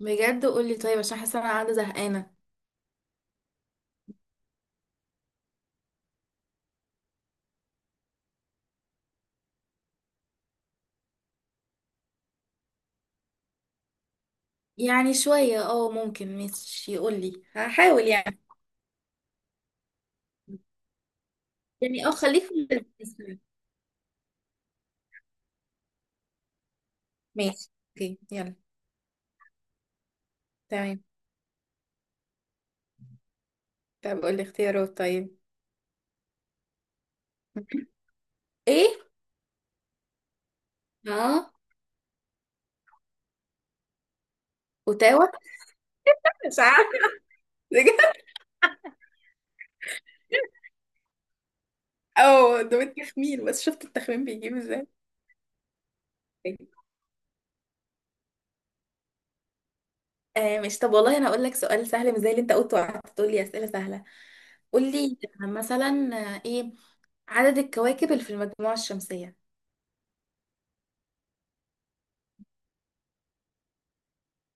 بجد، قولي. طيب، عشان حاسه انا قاعده زهقانه. يعني شويه ممكن. ماشي، يقولي هحاول يعني. يعني خليك في اللذيذ. ماشي، اوكي، يلا. تمام. طب قولي اختيارات. طيب. ايه. اه اوتاوا. مش عارفه، بجد. اه، ده التخمين، بس شفت التخمين بيجيب ازاي. آه، مش. طب والله انا اقول لك سؤال سهل مش زي اللي انت قلته وقعدت تقول لي اسئله سهله. قول لي مثلا. ايه عدد الكواكب اللي في المجموعه الشمسيه.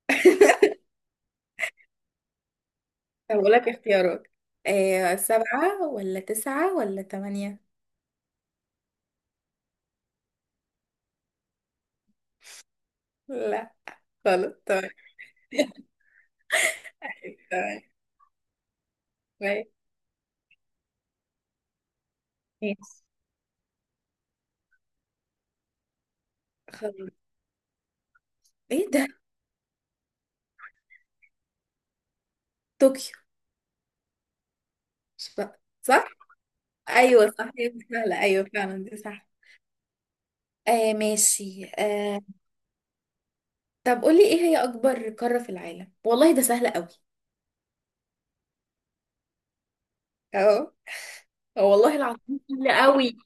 طب أقول لك اختيارات: سبعة ولا تسعة ولا تمانية؟ لا. خلاص تمام. تمام ماشي. ماشي خلاص. ايه ده؟ طوكيو. مش بقى صح؟ ايوه صح، هي دي سهلة، ايوه فعلا دي صح. آه، ماشي آه. طب قولي، ايه هي اكبر قارة في العالم؟ والله ده سهل قوي. اهو. والله العظيم سهل قوي.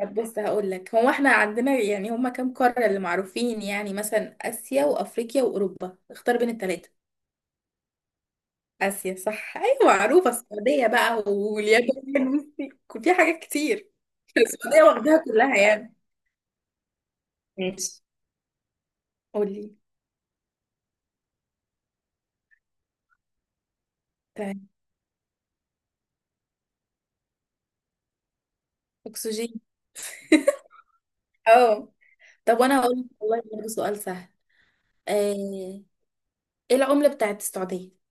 طب بص هقول لك، هو احنا عندنا يعني هما كام قارة اللي معروفين؟ يعني مثلا اسيا وافريقيا واوروبا، اختار بين الثلاثة. آسيا صح، أيوة معروفة. السعودية بقى واليابان والصين. في حاجات كتير. السعودية واخداها كلها يعني. ماشي. قولي. طيب. أكسجين. اه، طب وأنا هقول لك والله برضه سؤال سهل. إيه العملة بتاعت السعودية؟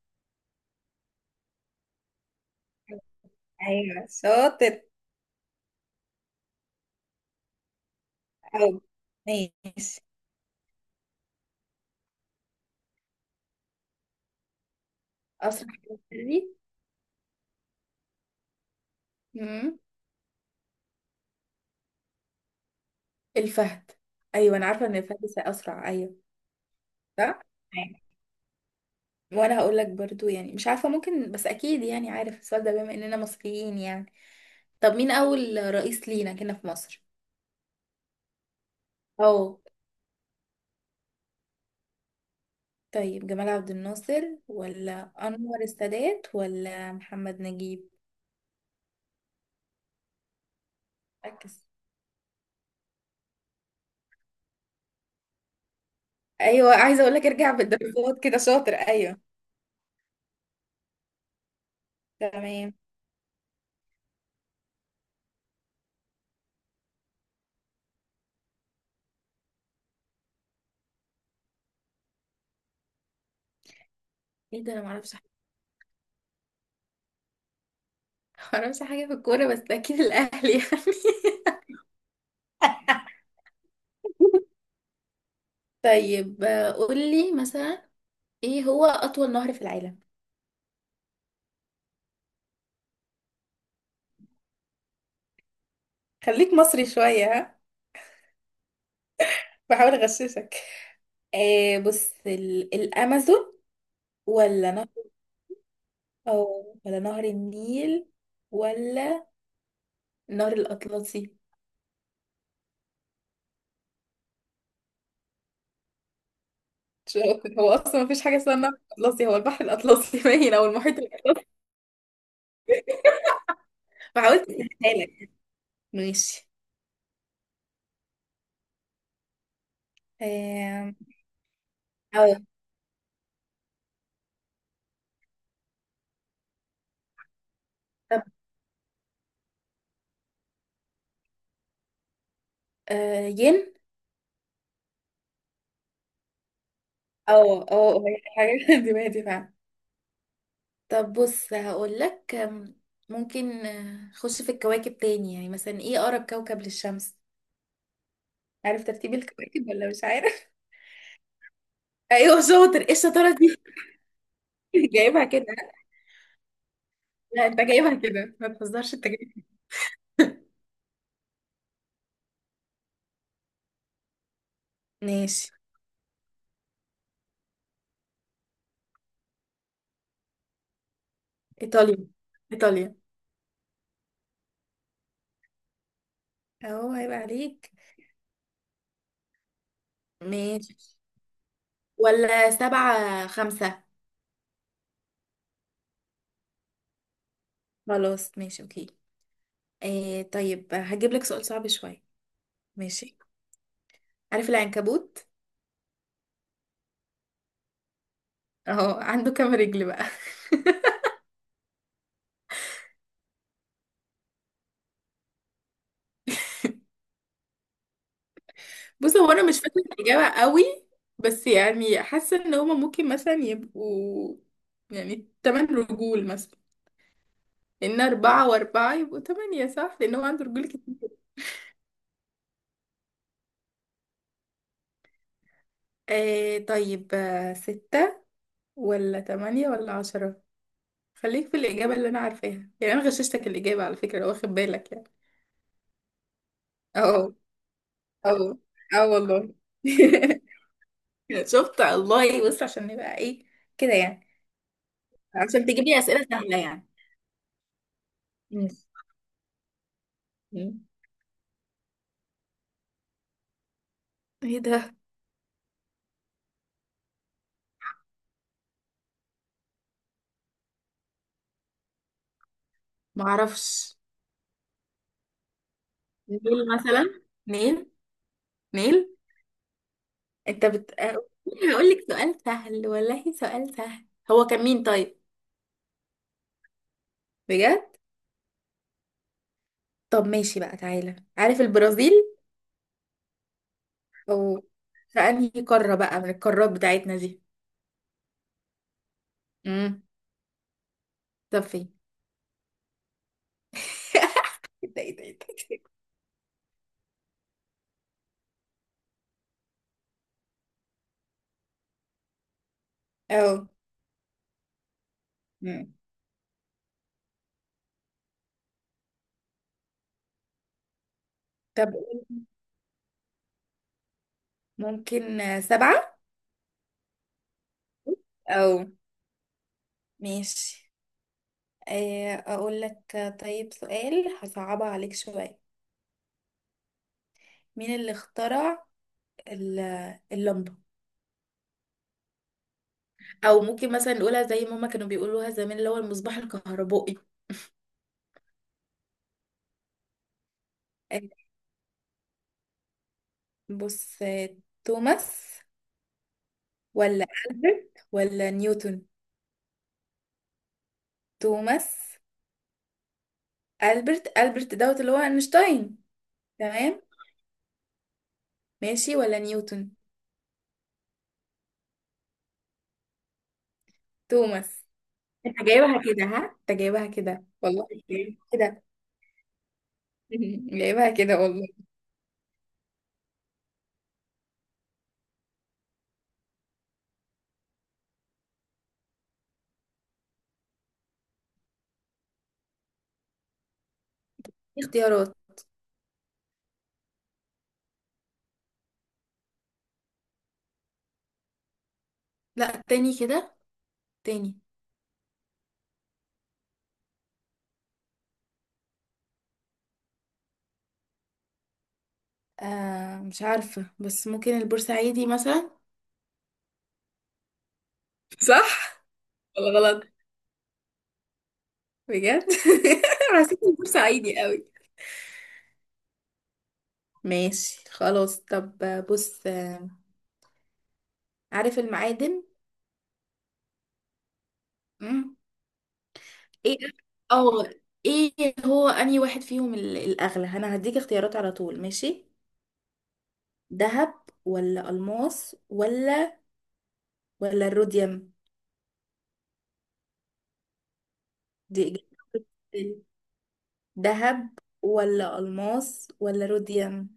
ايوه شاطر. أوي. ماشي. أسرع حاجة بري؟ مم. الفهد. أيوة أنا عارفة إن الفهد أسرع، أيوة. صح. أيوة. وأنا هقول لك برضو، يعني مش عارفة، ممكن، بس أكيد يعني عارف السؤال ده بما إننا مصريين يعني. طب مين أول رئيس لينا كنا في مصر؟ أو. طيب جمال عبد الناصر ولا أنور السادات ولا محمد نجيب؟ ركز. أيوة، عايزة أقول لك ارجع بالدرجات كده شاطر، أيوة. تمام. إيه ده، أنا معرفش حاجة. معرفش حاجة في الكورة بس أكيد الأهلي يعني. طيب، قولي مثلا، إيه هو أطول نهر في العالم؟ خليك مصري شوية، ها. بحاول أغششك. بص، الأمازون ولا ولا نهر النيل ولا النهر الأطلسي؟ مش عارفة. هو أصلا مفيش حاجة اسمها النهر الأطلسي، هو البحر الأطلسي، باين، أو المحيط الأطلسي. ما حاولت أسهلها لك. ماشي. آم، أو. طب، ين. أو أو هي حاجة. دماغي دي فعلا. طب بص هقول لك. ممكن خش في الكواكب تاني، يعني مثلا إيه أقرب كوكب للشمس؟ عارف ترتيب الكواكب ولا مش عارف؟ أيوه شاطر، إيه الشطارة دي. جايبها كده. لا، أنت جايبها كده، ما تهزرش، أنت جايبها. ماشي. إيطاليا. إيطاليا. أهو هيبقى عليك. ماشي. ولا سبعة خمسة. خلاص ماشي أوكي. إيه، طيب هجيب لك سؤال صعب شوية. ماشي. عارف العنكبوت؟ أهو عنده كام رجل بقى؟ بص، هو أنا مش فاكرة الإجابة قوي. بس يعني حاسة إن هما ممكن مثلا يبقوا، يعني تمن رجول مثلا، لأن أربعة وأربعة يبقوا تمانية صح، لأن هو عنده رجول كتير. إيه، طيب، ستة ولا تمانية ولا عشرة؟ خليك في الإجابة اللي أنا عارفاها، يعني أنا غششتك الإجابة على فكرة، لو واخد بالك يعني. أه. أه. أه والله. شفت الله، بص، عشان نبقى إيه كده يعني، عشان تجيب لي أسئلة سهلة يعني. مم. مم. إيه ده؟ معرفش. نيل مثلا. نيل. نيل. أنت بت. هقول لك سؤال سهل، والله سؤال سهل. هو كان مين طيب؟ بجد. طب ماشي بقى، تعالى عارف البرازيل؟ أو. في أنهي قارة بقى من القارات بتاعتنا دي؟ امم طب فين؟ ده ايه، ده ايه. ده. اه. مم. طب قول. ممكن، سبعة. او. ماشي. اقول لك، طيب سؤال هصعبها عليك شوية. مين اللي اخترع ال- اللمبة؟ او ممكن مثلا نقولها زي ما هما كانوا بيقولوها زمان، اللي هو المصباح الكهربائي. آه، بص، توماس ولا ألبرت ولا نيوتن؟ توماس. ألبرت دوت اللي هو أينشتاين. تمام. ماشي ولا نيوتن. توماس. انت جايبها كده، ها، انت جايبها كده والله، جايبها كده. جايبها كده والله. في اختيارات. لا، تاني كده. تاني. مش عارفة بس ممكن البورسعيدي مثلا. صح ولا غلط؟ بجد. حسيت البورسعيدي قوي. ماشي خلاص. طب بص، عارف المعادن؟ مم. ايه. اه ايه هو انهي واحد فيهم الاغلى؟ انا هديك اختيارات على طول، ماشي. دهب ولا الماس ولا الروديوم. دي إجابة: دهب ولا ألماس ولا روديوم.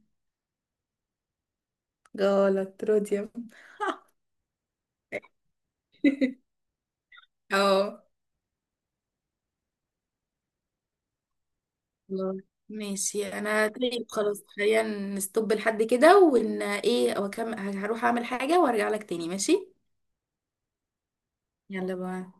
غلط، روديوم. اه. الله. ماشي انا، طيب خلاص خلينا نستوب لحد كده، ون ايه وكم هروح اعمل حاجة وارجع لك تاني، ماشي. يلا بقى.